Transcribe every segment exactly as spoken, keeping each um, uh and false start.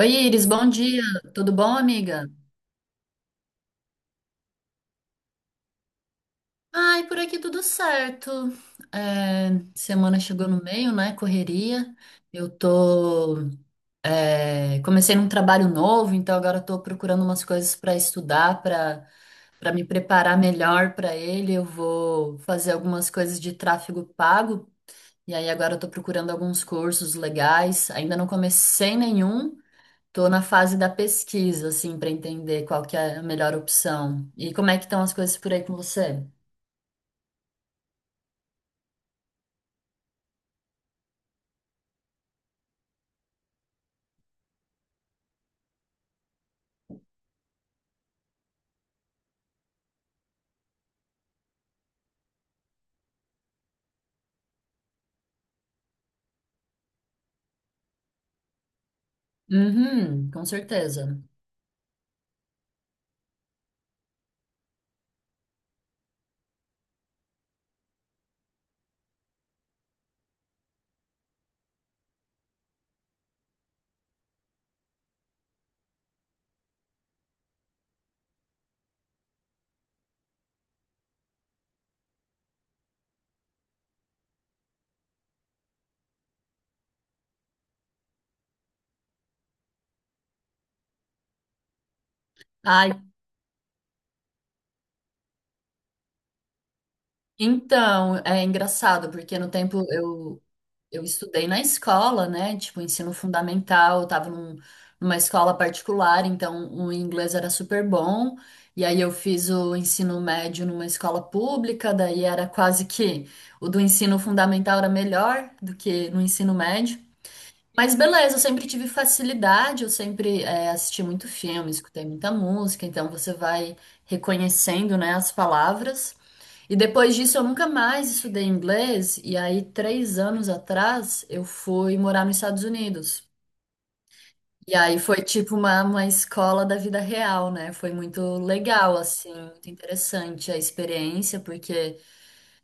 Oi, Iris, bom dia. Tudo bom, amiga? Ai, por aqui tudo certo. É, semana chegou no meio, né? Correria. Eu tô. É, comecei num trabalho novo, então agora eu tô procurando umas coisas para estudar, para para me preparar melhor para ele. Eu vou fazer algumas coisas de tráfego pago. E aí agora eu tô procurando alguns cursos legais. Ainda não comecei nenhum. Tô na fase da pesquisa, assim, para entender qual que é a melhor opção. E como é que estão as coisas por aí com você? Uhum, com certeza. Ai, então, é engraçado, porque no tempo eu, eu estudei na escola, né? Tipo, ensino fundamental, eu tava num- numa escola particular, então o inglês era super bom. E aí eu fiz o ensino médio numa escola pública, daí era quase que o do ensino fundamental era melhor do que no ensino médio. Mas beleza, eu sempre tive facilidade, eu sempre eh, assisti muito filme, escutei muita música, então você vai reconhecendo, né, as palavras. E depois disso eu nunca mais estudei inglês, e aí três anos atrás eu fui morar nos Estados Unidos. E aí foi tipo uma, uma escola da vida real, né? Foi muito legal, assim, muito interessante a experiência, porque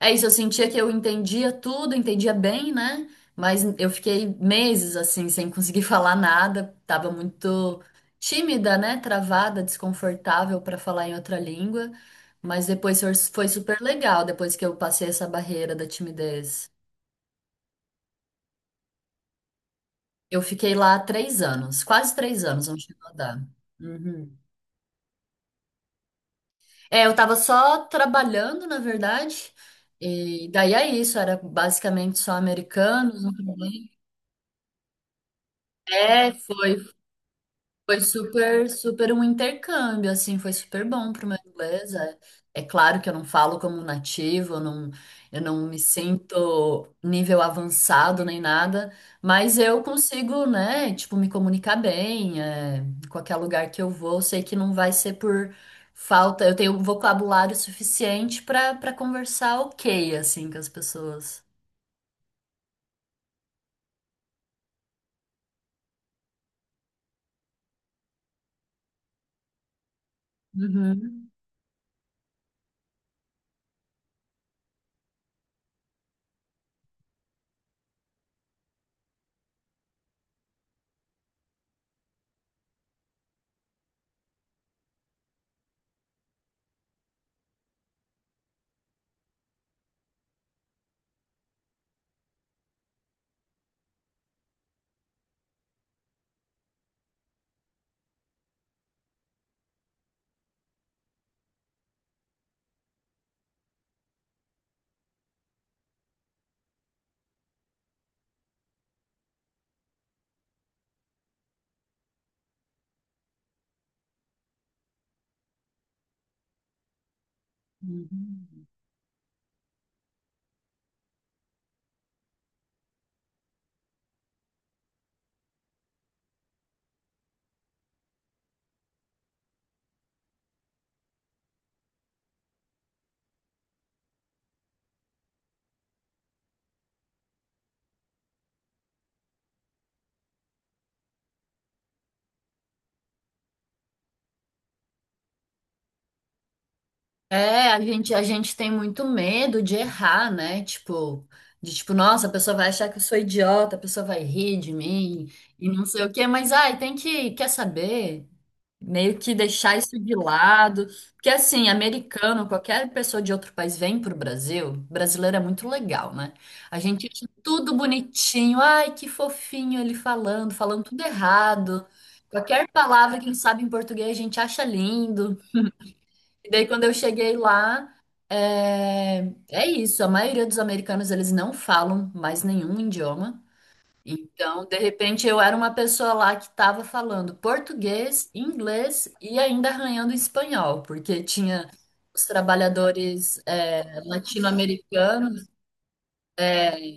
é isso, eu sentia que eu entendia tudo, entendia bem, né? Mas eu fiquei meses assim, sem conseguir falar nada, tava muito tímida, né? Travada, desconfortável para falar em outra língua. Mas depois foi foi super legal, depois que eu passei essa barreira da timidez. Eu fiquei lá três anos, quase três anos, não chegou a dar. Uhum. É, eu tava só trabalhando, na verdade. E daí é isso, era basicamente só americanos, não trabalhei é, foi, Foi super, super um intercâmbio, assim, foi super bom pro meu inglês. É, é claro que eu não falo como nativo, eu não, eu não me sinto nível avançado nem nada, mas eu consigo, né, tipo, me comunicar bem, é, em qualquer lugar que eu vou, eu sei que não vai ser por falta, eu tenho vocabulário suficiente para para conversar ok, assim, com as pessoas. Uhum. Uhum. É, a gente, a gente tem muito medo de errar, né? Tipo, de tipo, nossa, a pessoa vai achar que eu sou idiota, a pessoa vai rir de mim e não sei o quê, mas ai, tem que, quer saber? Meio que deixar isso de lado. Porque assim, americano, qualquer pessoa de outro país vem pro Brasil, brasileiro é muito legal, né? A gente acha tudo bonitinho, ai, que fofinho ele falando, falando tudo errado. Qualquer palavra que ele sabe em português, a gente acha lindo. E daí, quando eu cheguei lá, é, é isso. A maioria dos americanos, eles não falam mais nenhum idioma. Então, de repente, eu era uma pessoa lá que estava falando português, inglês e ainda arranhando espanhol, porque tinha os trabalhadores é, latino-americanos. é,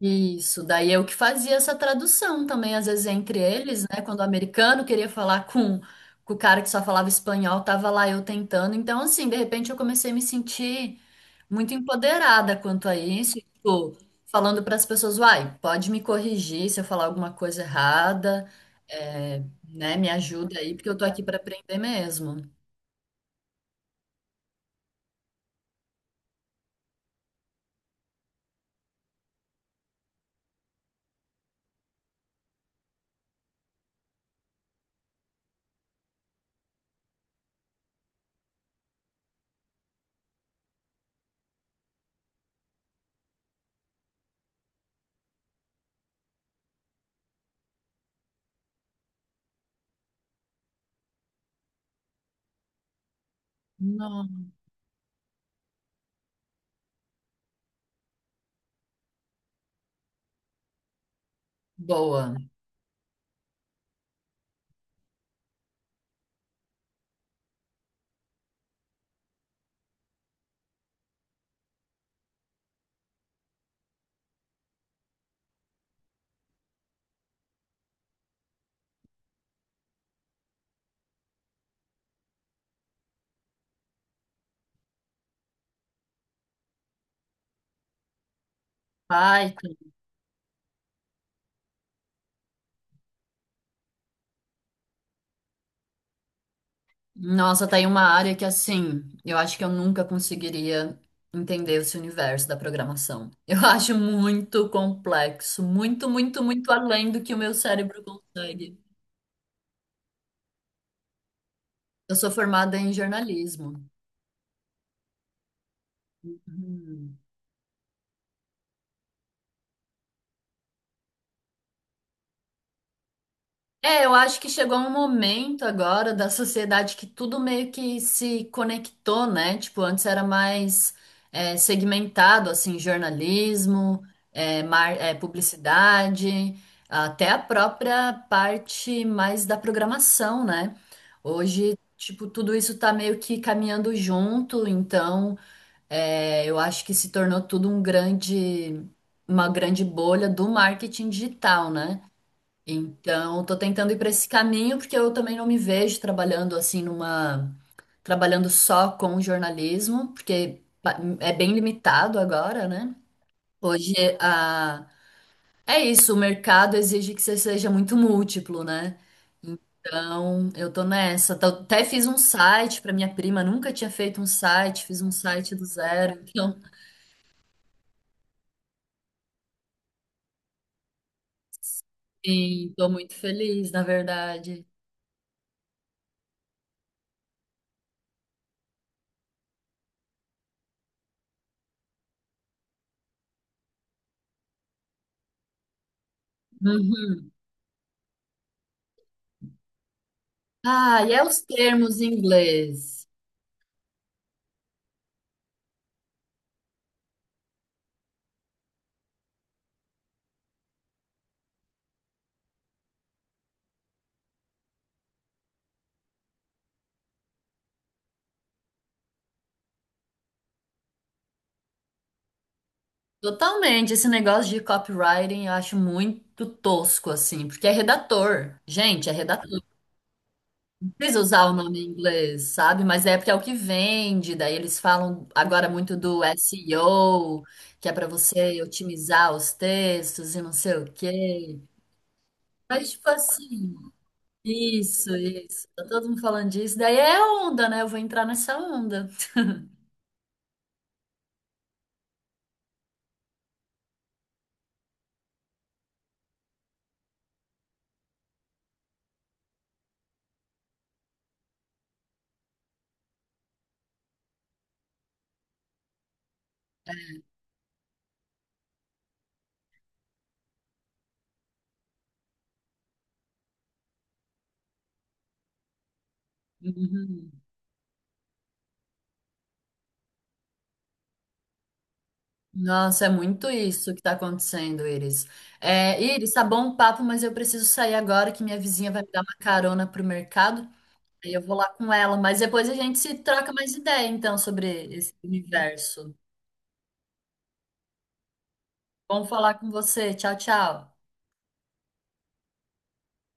Isso, daí eu que fazia essa tradução também, às vezes entre eles, né? Quando o americano queria falar com, com o cara que só falava espanhol, tava lá eu tentando. Então, assim, de repente eu comecei a me sentir muito empoderada quanto a isso, tipo, falando para as pessoas, uai, pode me corrigir se eu falar alguma coisa errada, é, né? Me ajuda aí, porque eu tô aqui para aprender mesmo. Não. Boa. Vai. Nossa, tem uma área que assim, eu acho que eu nunca conseguiria entender esse universo da programação. Eu acho muito complexo, muito, muito, muito além do que o meu cérebro consegue. Eu sou formada em jornalismo. Hum. É, eu acho que chegou um momento agora da sociedade que tudo meio que se conectou, né? Tipo, antes era mais é, segmentado, assim, jornalismo, é, mar- é, publicidade, até a própria parte mais da programação, né? Hoje, tipo, tudo isso tá meio que caminhando junto, então é, eu acho que se tornou tudo um grande, uma grande bolha do marketing digital, né? Então, tô tentando ir para esse caminho porque eu também não me vejo trabalhando assim numa, trabalhando só com jornalismo, porque pa- é bem limitado agora, né? Hoje a é isso, o mercado exige que você seja muito múltiplo, né? Então, eu tô nessa. Tô- Até fiz um site para minha prima, nunca tinha feito um site, fiz um site do zero. Então, sim, tô muito feliz, na verdade. Uhum. Ah, e é os termos em inglês. Totalmente, esse negócio de copywriting eu acho muito tosco, assim, porque é redator. Gente, é redator. Não precisa usar o nome em inglês, sabe? Mas é porque é o que vende. Daí eles falam agora muito do seo, que é para você otimizar os textos e não sei o quê. Mas, tipo assim, isso, isso. Tá todo mundo falando disso. Daí é onda, né? Eu vou entrar nessa onda. Uhum. Nossa, é muito isso que está acontecendo, Iris. É, Iris, tá bom o papo, mas eu preciso sair agora que minha vizinha vai me dar uma carona pro mercado. Aí eu vou lá com ela, mas depois a gente se troca mais ideia, então, sobre esse universo. Bom falar com você. Tchau, tchau.